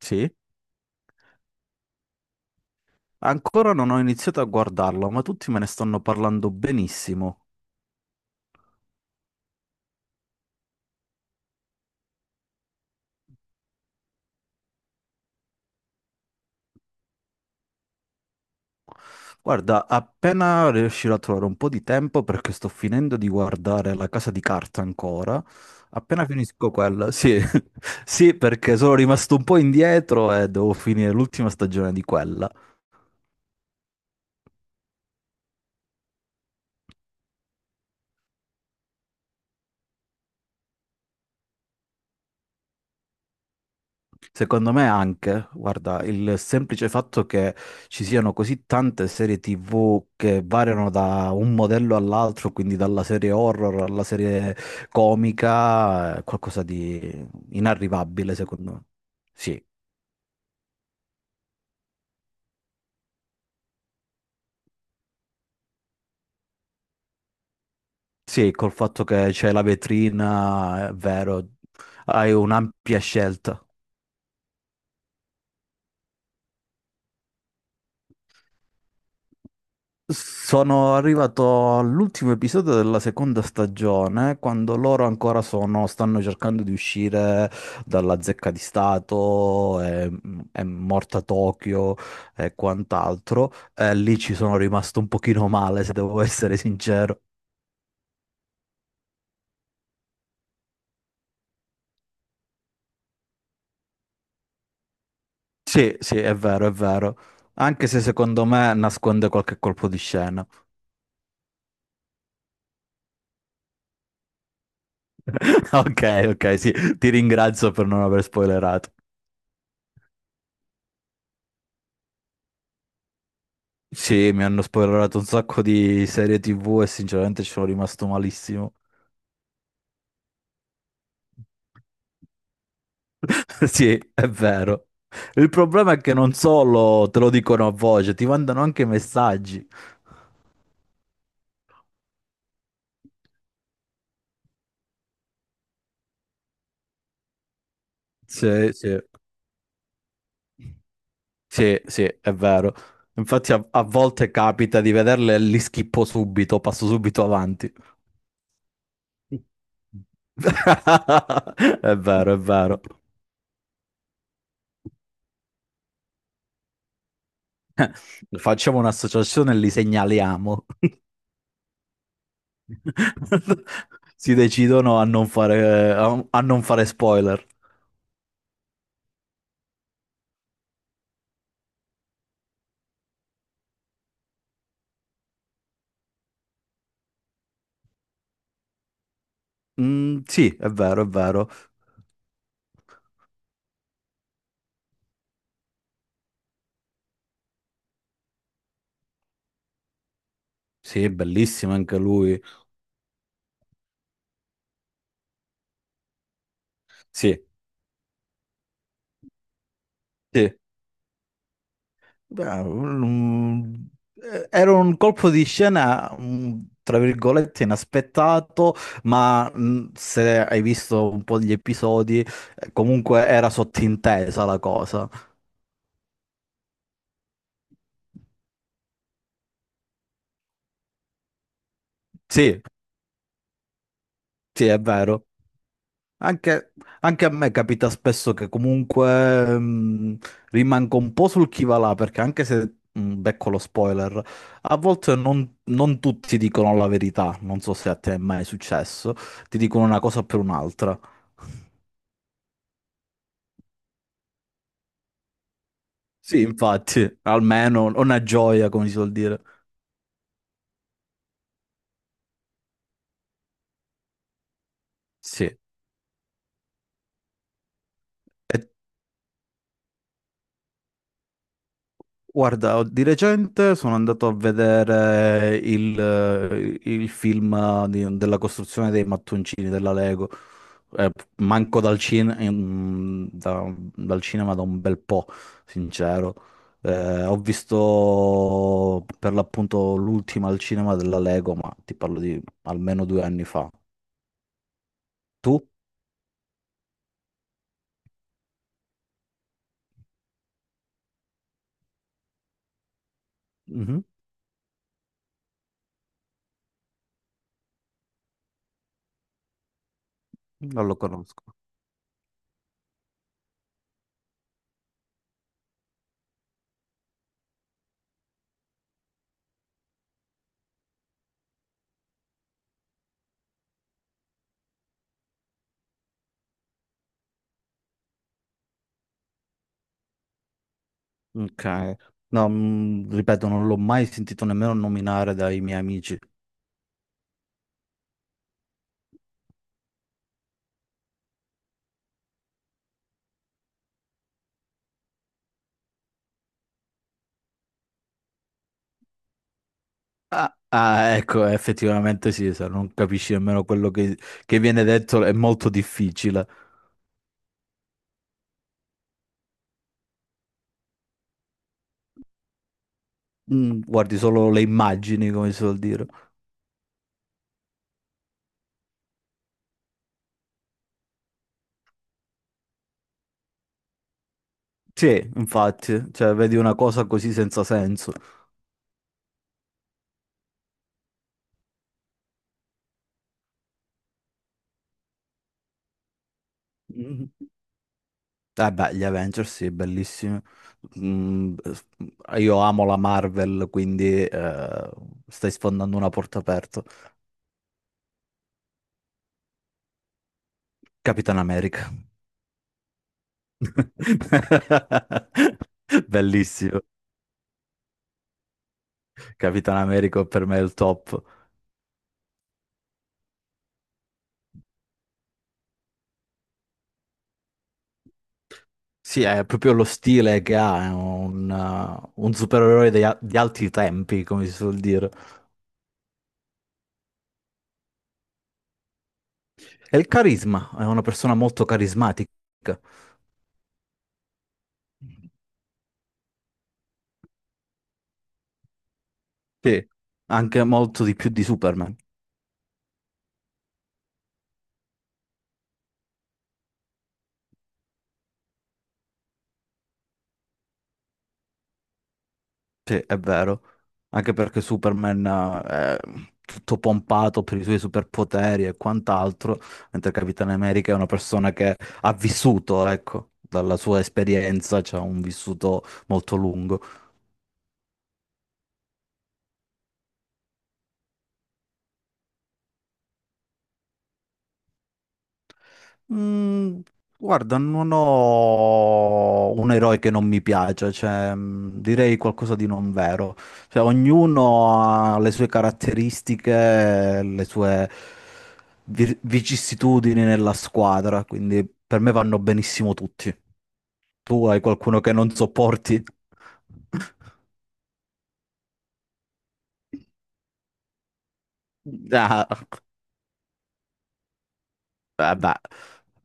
Sì, ancora non ho iniziato a guardarlo, ma tutti me ne stanno parlando benissimo. Guarda, appena riuscirò a trovare un po' di tempo, perché sto finendo di guardare La Casa di Carta ancora, appena finisco quella, sì, sì, perché sono rimasto un po' indietro e devo finire l'ultima stagione di quella. Secondo me anche, guarda, il semplice fatto che ci siano così tante serie TV che variano da un modello all'altro, quindi dalla serie horror alla serie comica, è qualcosa di inarrivabile secondo me. Sì, sì, col fatto che c'è la vetrina, è vero, hai un'ampia scelta. Sono arrivato all'ultimo episodio della seconda stagione, quando loro ancora stanno cercando di uscire dalla zecca di Stato, è morta Tokyo e quant'altro. E lì ci sono rimasto un pochino male, se devo essere sincero. Sì, sì, è vero, è vero. Anche se secondo me nasconde qualche colpo di scena. Ok, ok, sì, ti ringrazio per non aver spoilerato. Sì, mi hanno spoilerato un sacco di serie TV e sinceramente ci sono rimasto malissimo. Sì, è vero. Il problema è che non solo te lo dicono a voce, ti mandano anche messaggi. Sì, sì, sì, sì, è vero. Infatti a volte capita di vederle e li schippo subito, passo subito avanti. È vero, è vero. Facciamo un'associazione e li segnaliamo. Si decidono a non fare, a non fare spoiler. Mm, sì, è vero, è vero. Sì, è bellissimo anche lui. Sì, sì. Beh, era un colpo di scena, mm, tra virgolette, inaspettato, ma se hai visto un po' gli episodi, comunque era sottintesa la cosa. Sì, sì, è vero. Anche, anche a me capita spesso che comunque rimango un po' sul chi va là, perché anche se becco lo spoiler, a volte non tutti dicono la verità, non so se a te è mai successo, ti dicono una cosa per un'altra. Sì, infatti, almeno una gioia, come si suol dire. Sì. E guarda, di recente sono andato a vedere il della costruzione dei mattoncini della Lego. Eh, manco dal cinema da un bel po', sincero. Ho visto per l'appunto l'ultima al cinema della Lego, ma ti parlo di almeno due anni fa. Tu? Mhm. Non lo conosco. Ok. No, mm, ripeto, non l'ho mai sentito nemmeno nominare dai miei amici. Ah, ah, ecco, effettivamente sì, se non capisci nemmeno che viene detto è molto difficile. Mm, guardi solo le immagini, come si vuol dire. Sì, infatti, cioè, vedi una cosa così senza senso. Mm. Eh beh, gli Avengers sì, bellissimi. Mm, io amo la Marvel, quindi stai sfondando una porta aperta. Capitan America. Bellissimo. Capitan America per me è il top. Sì, è proprio lo stile che ha, è un supereroe altri tempi, come si suol dire. E il carisma, è una persona molto carismatica. Sì, anche molto di più di Superman. Sì, è vero. Anche perché Superman, è tutto pompato per i suoi superpoteri e quant'altro, mentre Capitano America è una persona che ha vissuto, ecco, dalla sua esperienza, c'ha un vissuto molto lungo. Mm, guarda, non ho un eroe che non mi piace, cioè, mm, direi qualcosa di non vero. Cioè, ognuno ha le sue caratteristiche, le sue vicissitudini nella squadra, quindi per me vanno benissimo tutti. Tu hai qualcuno che non sopporti? Ah, vabbè,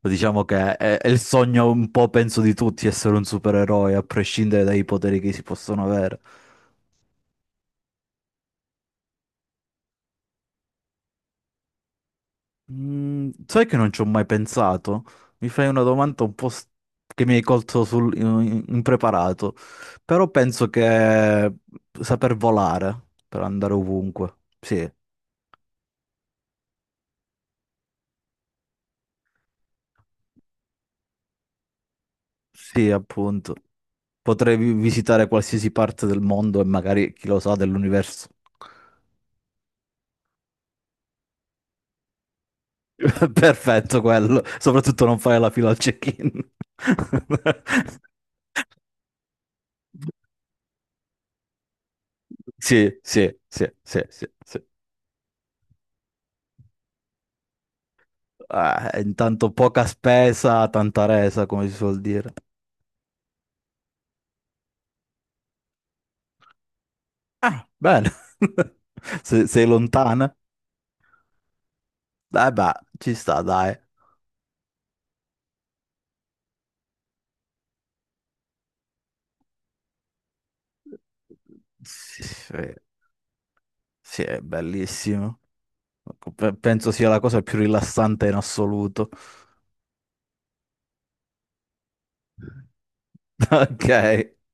diciamo che è il sogno un po', penso, di tutti essere un supereroe, a prescindere dai poteri che si possono avere. Mm, sai che non ci ho mai pensato? Mi fai una domanda che mi hai colto impreparato, però penso che saper volare per andare ovunque, sì, sì, appunto, potrei visitare qualsiasi parte del mondo e magari, chi lo sa, dell'universo. Perfetto quello, soprattutto non fare la fila al check-in. Sì, sì, sì, sì, sì, sì. Intanto poca spesa, tanta resa, come si suol dire. Ah, bene. Sei lontana? Eh beh, ci sta, dai. Sì, sì, sì, è bellissimo. Penso sia la cosa più rilassante in assoluto. Ok.